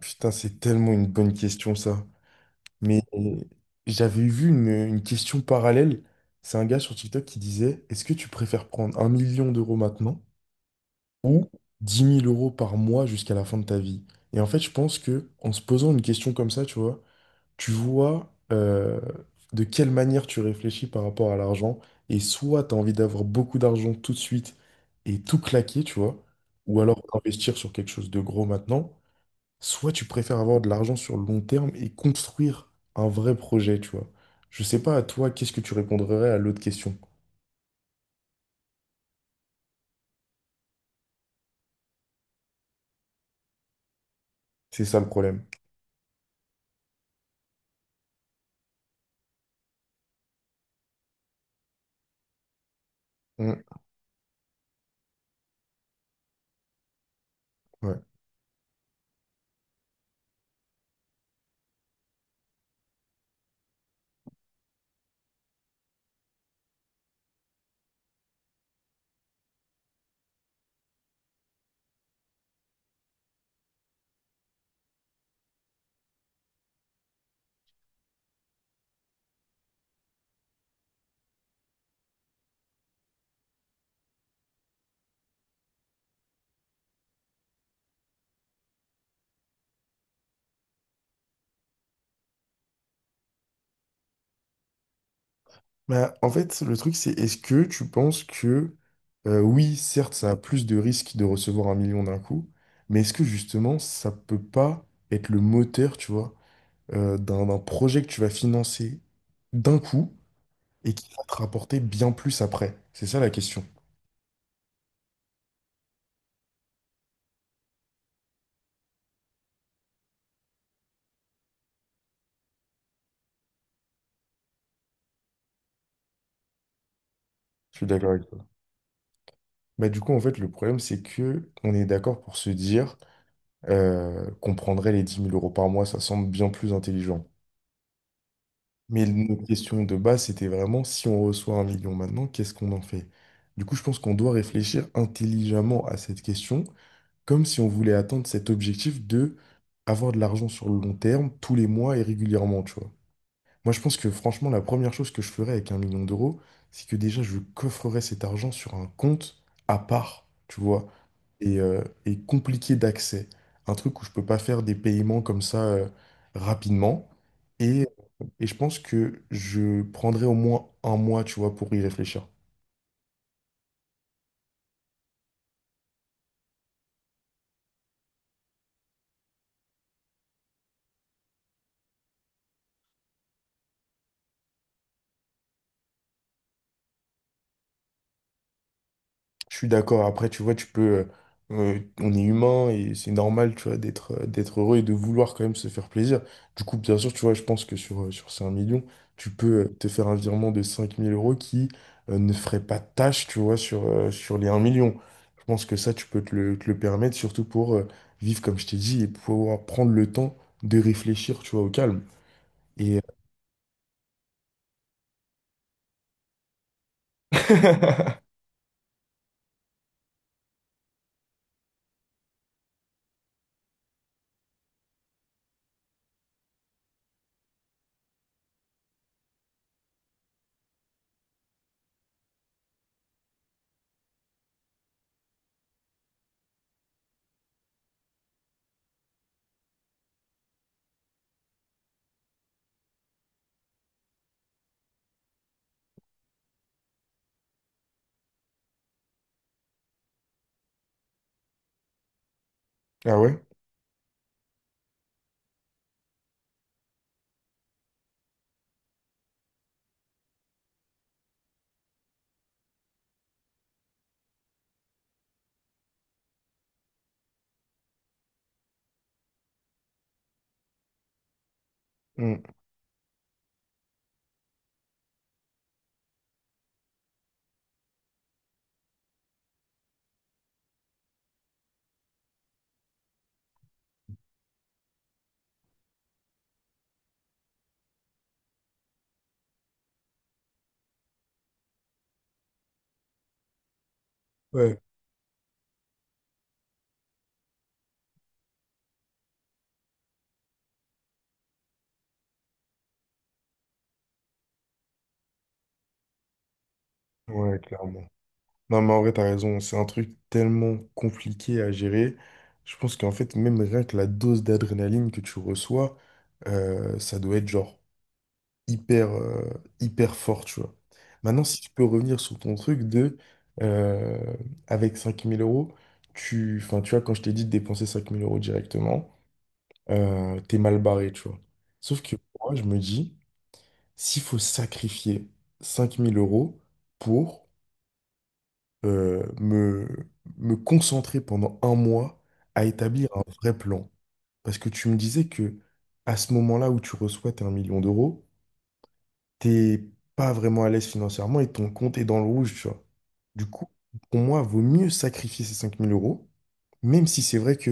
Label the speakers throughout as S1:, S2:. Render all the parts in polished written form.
S1: Putain, c'est tellement une bonne question, ça. Mais j'avais vu une question parallèle. C'est un gars sur TikTok qui disait, est-ce que tu préfères prendre 1 million d'euros maintenant ou 10 000 euros par mois jusqu'à la fin de ta vie? Et en fait, je pense que en se posant une question comme ça, tu vois, tu vois euh, de quelle manière tu réfléchis par rapport à l'argent. Et soit tu as envie d'avoir beaucoup d'argent tout de suite et tout claquer, tu vois, ou alors investir sur quelque chose de gros maintenant. Soit tu préfères avoir de l'argent sur le long terme et construire un vrai projet, tu vois. Je sais pas, à toi, qu'est-ce que tu répondrais à l'autre question? C'est ça le problème. Mm, ouais. Bah, en fait, le truc, c'est est-ce que tu penses que, oui, certes, ça a plus de risques de recevoir 1 million d'un coup, mais est-ce que justement, ça peut pas être le moteur, tu vois, d'un projet que tu vas financer d'un coup et qui va te rapporter bien plus après? C'est ça la question. Je suis d'accord avec Bah, du coup, en fait, le problème, c'est que on est d'accord pour se dire qu'on prendrait les 10 000 euros par mois, ça semble bien plus intelligent. Mais notre question de base, c'était vraiment si on reçoit 1 million maintenant, qu'est-ce qu'on en fait? Du coup, je pense qu'on doit réfléchir intelligemment à cette question, comme si on voulait atteindre cet objectif de avoir de l'argent sur le long terme, tous les mois et régulièrement, tu vois. Moi, je pense que franchement, la première chose que je ferais avec 1 million d'euros, c'est que déjà, je coffrerais cet argent sur un compte à part, tu vois, et compliqué d'accès. Un truc où je peux pas faire des paiements comme ça, rapidement. Et, et je pense que je prendrais au moins un mois, tu vois, pour y réfléchir. Je suis d'accord. Après, tu vois, tu peux, on est humain et c'est normal, tu vois, d'être heureux et de vouloir quand même se faire plaisir. Du coup, bien sûr, tu vois, je pense que sur ces 1 million, tu peux, te faire un virement de 5 000 euros qui, ne ferait pas tâche, tu vois, sur les 1 million. Je pense que ça, tu peux te le permettre, surtout pour vivre, comme je t'ai dit, et pouvoir prendre le temps de réfléchir, tu vois, au calme. Et, ah ouais? Mm. Ouais. Ouais, clairement. Non, mais en vrai, t'as raison. C'est un truc tellement compliqué à gérer. Je pense qu'en fait, même rien que la dose d'adrénaline que tu reçois, ça doit être genre hyper, hyper fort, tu vois. Maintenant, si tu peux revenir sur ton truc de, euh, avec 5000 euros, enfin, tu vois, quand je t'ai dit de dépenser 5 000 euros directement, t'es mal barré, tu vois. Sauf que moi, je me dis, s'il faut sacrifier 5 000 euros pour euh, me, me concentrer pendant un mois à établir un vrai plan. Parce que tu me disais que à ce moment-là où tu reçois tes 1 million d'euros, t'es pas vraiment à l'aise financièrement et ton compte est dans le rouge, tu vois. Du coup, pour moi, vaut mieux sacrifier ces 5 000 euros, même si c'est vrai que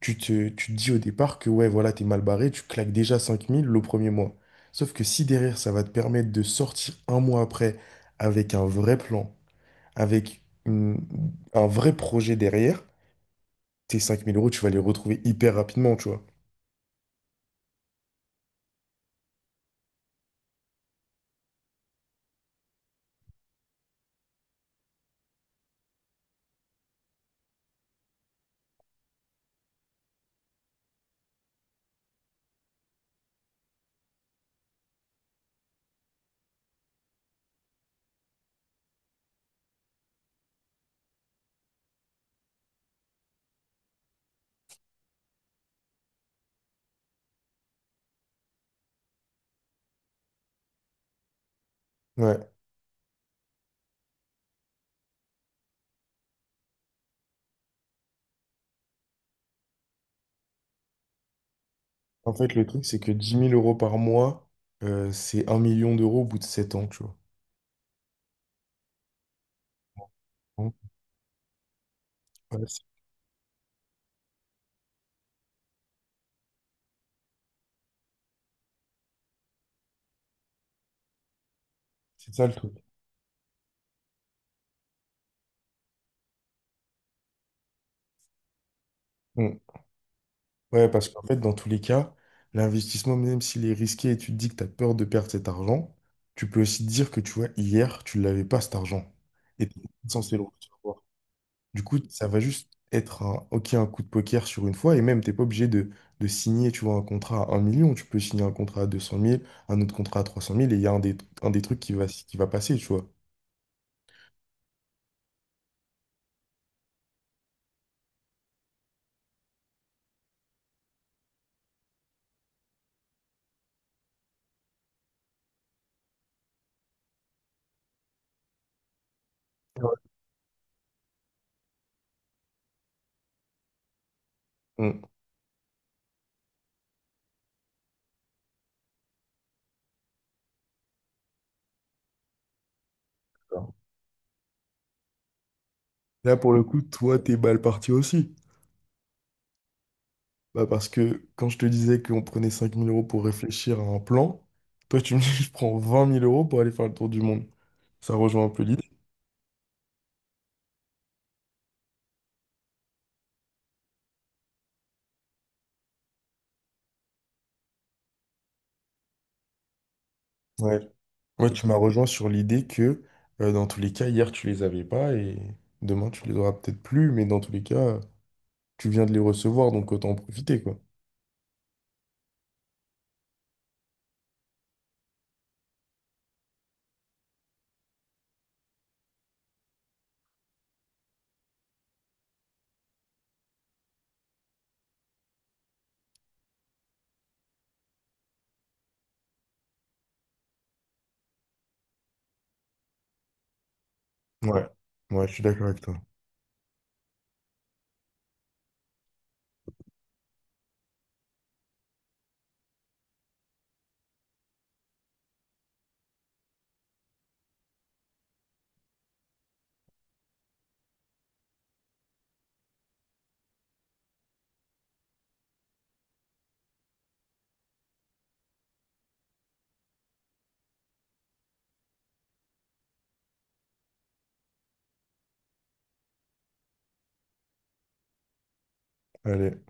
S1: tu te dis au départ que ouais, voilà, t'es mal barré, tu claques déjà 5 000 le premier mois. Sauf que si derrière, ça va te permettre de sortir un mois après avec un vrai plan, avec un vrai projet derrière, tes 5 000 euros, tu vas les retrouver hyper rapidement, tu vois. Ouais. En fait, le truc, c'est que 10 000 euros par mois, c'est 1 million d'euros au bout de 7 ans, tu vois. Donc, ouais, c'est ça le truc. Mm. Ouais, parce qu'en fait, dans tous les cas, l'investissement, même s'il est risqué et tu te dis que tu as peur de perdre cet argent, tu peux aussi te dire que, tu vois, hier, tu l'avais pas cet argent. Et tu es censé le recevoir. Du coup, ça va juste être un, ok, un coup de poker sur une fois, et même, t'es pas obligé de signer, tu vois, un contrat à 1 million. Tu peux signer un contrat à 200 000, un autre contrat à 300 000 et il y a un des trucs qui va passer, tu vois. Ouais. Mm. Là, pour le coup, toi, t'es mal parti aussi. Bah, parce que quand je te disais qu'on prenait 5 000 euros pour réfléchir à un plan, toi, tu me dis, je prends 20 000 euros pour aller faire le tour du monde. Ça rejoint un peu l'idée. Ouais. Ouais, tu m'as rejoint sur l'idée que dans tous les cas, hier tu les avais pas et demain tu les auras peut-être plus, mais dans tous les cas, tu viens de les recevoir, donc autant en profiter, quoi. Ouais, ouais, je suis d'accord avec toi. Allez.